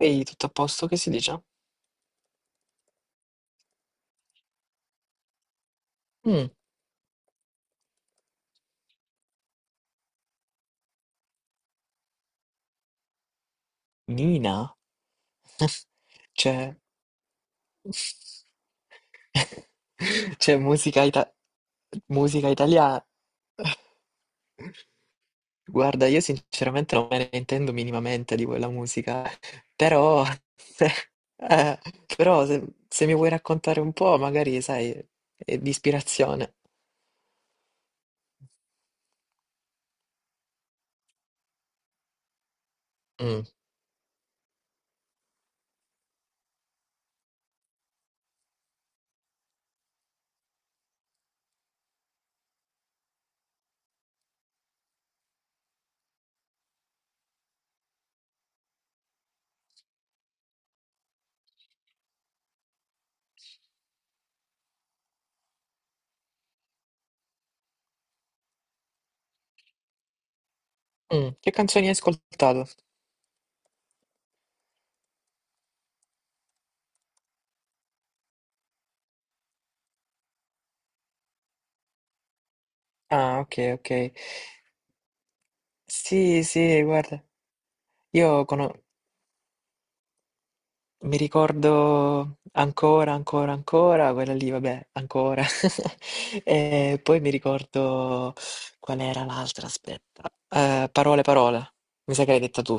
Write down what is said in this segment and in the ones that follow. Ehi, tutto a posto? Che si dice? Mm, Nina, c'è c'è musica, musica italiana. Guarda, io sinceramente non me ne intendo minimamente di quella musica, però, se, eh, se, se mi vuoi raccontare un po', magari, sai, è di ispirazione. Mm. Mm, che canzoni hai ascoltato? Ah, ok, ok. Sì, sì, guarda, io conosco. Mi ricordo ancora, quella lì, vabbè, ancora. E poi mi ricordo qual era l'altra, aspetta. Parole, parole, mi sa che l'hai detta tu.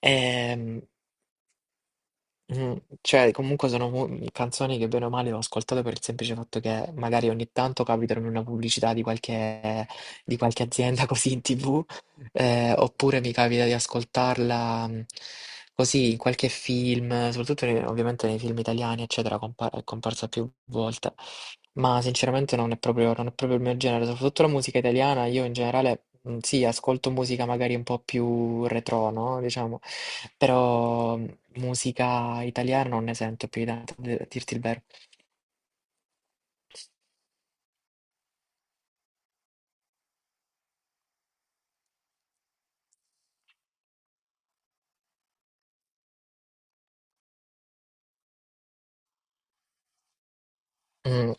Ehm, Mm, Cioè, comunque sono canzoni che bene o male ho ascoltato per il semplice fatto che magari ogni tanto capitano in una pubblicità di qualche azienda così in TV, oppure mi capita di ascoltarla così in qualche film, soprattutto ovviamente nei film italiani, eccetera, è comparsa più volte. Ma sinceramente non è proprio il mio genere, soprattutto la musica italiana, io in generale sì, ascolto musica magari un po' più retro, no? Diciamo. Però musica italiana non ne sento più di tanto, a dirti il vero. Mm.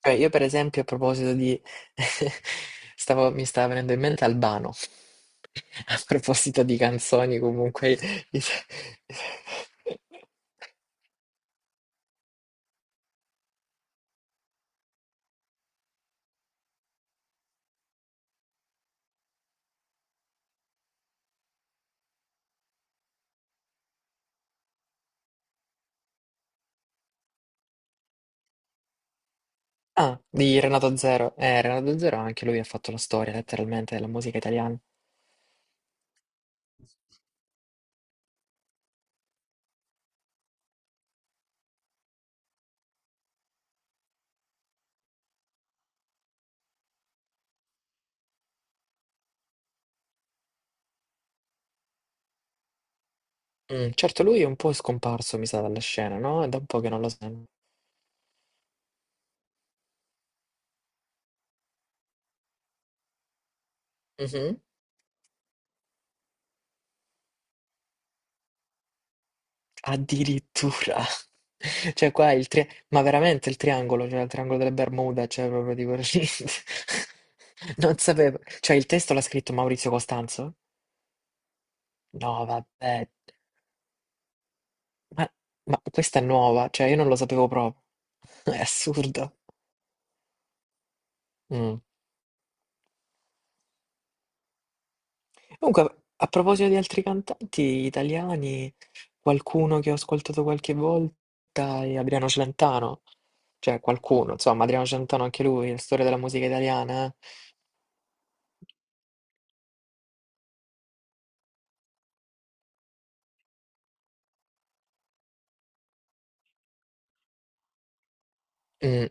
Cioè, io per esempio a proposito di... mi stava venendo in mente Albano, a proposito di canzoni comunque... Ah, di Renato Zero. Renato Zero anche lui ha fatto la storia letteralmente della musica italiana. Mm, certo, lui è un po' scomparso, mi sa, dalla scena, no? È da un po' che non lo sento. Addirittura. Cioè qua il ma veramente il triangolo, cioè il triangolo delle Bermuda, cioè proprio dico non sapevo. Cioè il testo l'ha scritto Maurizio Costanzo? No, vabbè. Ma, ma questa è nuova, cioè io non lo sapevo proprio. È assurdo. Mm. Comunque, a proposito di altri cantanti italiani, qualcuno che ho ascoltato qualche volta è Adriano Celentano. Cioè qualcuno, insomma, Adriano Celentano anche lui, la storia della musica italiana, eh. Mh.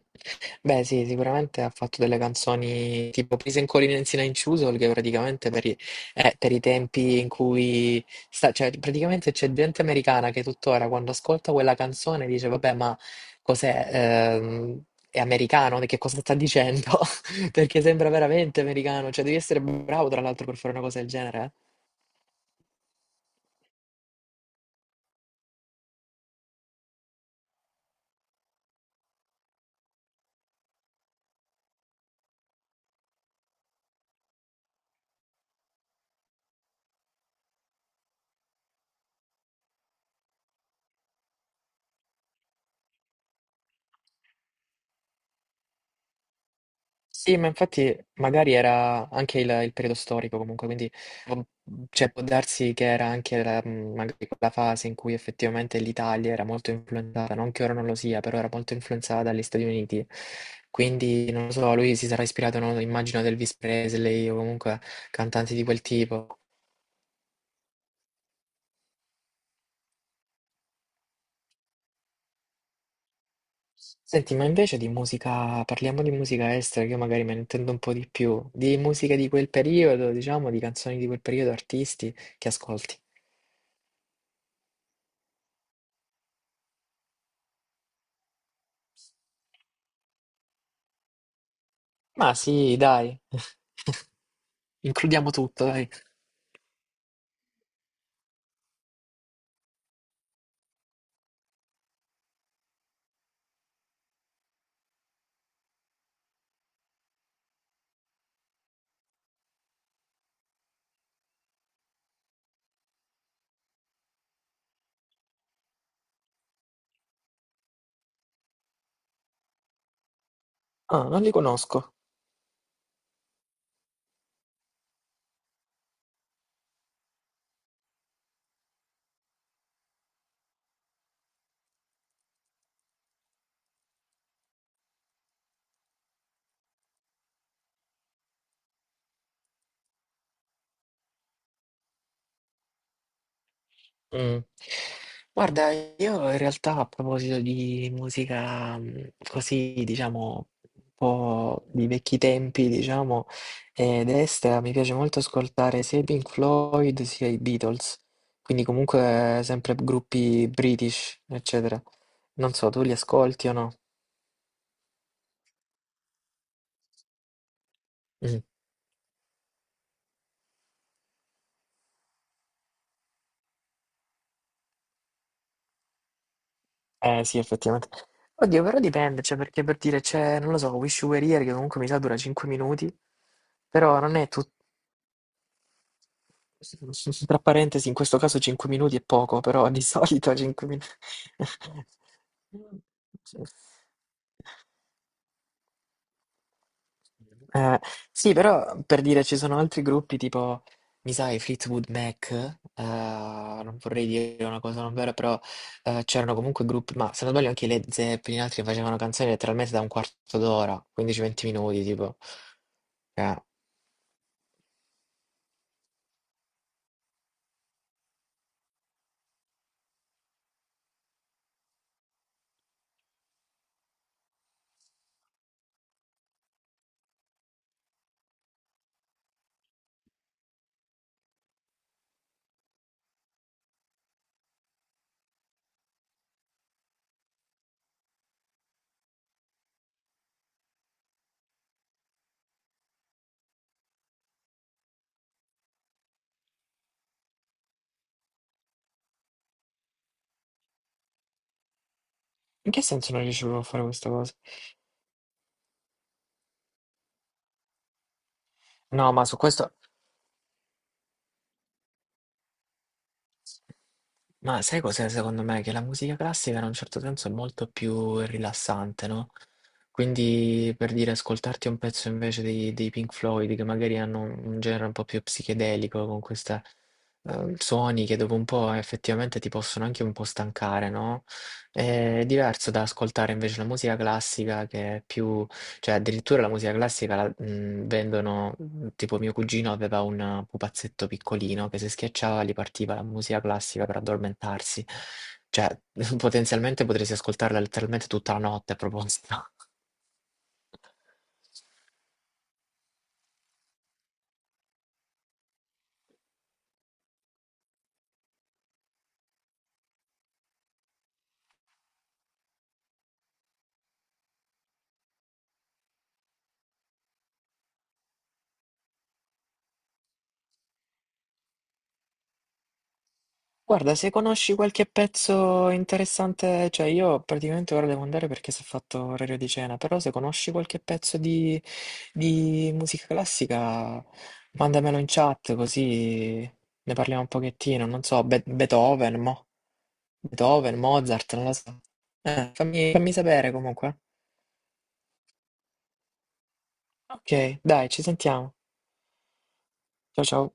Beh sì, sicuramente ha fatto delle canzoni tipo Please and Calling Nancy Nine Choozle che praticamente per i tempi in cui sta, cioè praticamente c'è gente americana che tuttora quando ascolta quella canzone dice vabbè ma cos'è, ehm, è americano, che cosa sta dicendo? Perché sembra veramente americano, cioè devi essere bravo tra l'altro per fare una cosa del genere, eh. Sì, ma infatti magari era anche il periodo storico comunque, quindi può- cioè, può darsi che era anche la, magari quella fase in cui effettivamente l'Italia era molto influenzata, non che ora non lo sia, però era molto influenzata dagli Stati Uniti. Quindi, non lo so, lui si sarà ispirato, non lo so, immagino ad Elvis Presley o comunque cantanti di quel tipo. Senti, ma invece di musica, parliamo di musica estera, che io magari me ne intendo un po' di più, di musica di quel periodo, diciamo, di canzoni di quel periodo, artisti che ascolti. Ma sì, dai, includiamo tutto, dai. Ah, non li conosco. Mm. Guarda, io in realtà a proposito di musica così, diciamo, un po' di vecchi tempi, diciamo, destra, mi piace molto ascoltare sia i Pink Floyd sia i Beatles, quindi comunque sempre gruppi British, eccetera. Non so, tu li ascolti o no? Eh sì, effettivamente. Oddio, però dipende, cioè perché per dire c'è, non lo so, Wish You Were Here che comunque mi sa dura 5 minuti, però non è tutto... Tra parentesi, in questo caso 5 minuti è poco, però di solito 5 minuti... Eh, sì, però per dire ci sono altri gruppi tipo, mi sai, Fleetwood Mac, non vorrei dire una cosa non vera, però c'erano comunque gruppi, ma se non sbaglio anche i Led Zeppelin, altri che facevano canzoni letteralmente da un quarto d'ora, 15-20 minuti, tipo. Eh, in che senso non riuscivano a fare questa cosa? No, ma su questo. Ma sai cos'è secondo me? Che la musica classica in un certo senso è molto più rilassante, no? Quindi per dire ascoltarti un pezzo invece dei Pink Floyd, che magari hanno un genere un po' più psichedelico, con questi suoni che dopo un po' effettivamente ti possono anche un po' stancare, no? È diverso da ascoltare invece la musica classica che è più cioè, addirittura la musica classica la, vendono, tipo mio cugino aveva un pupazzetto piccolino che se schiacciava gli partiva la musica classica per addormentarsi. Cioè, potenzialmente potresti ascoltarla letteralmente tutta la notte a proposito. Guarda, se conosci qualche pezzo interessante, cioè io praticamente ora devo andare perché si è fatto orario di cena, però se conosci qualche pezzo di musica classica, mandamelo in chat così ne parliamo un pochettino, non so, Beethoven, mo. Beethoven, Mozart, non lo so. Fammi sapere comunque. Ok, dai, ci sentiamo. Ciao ciao.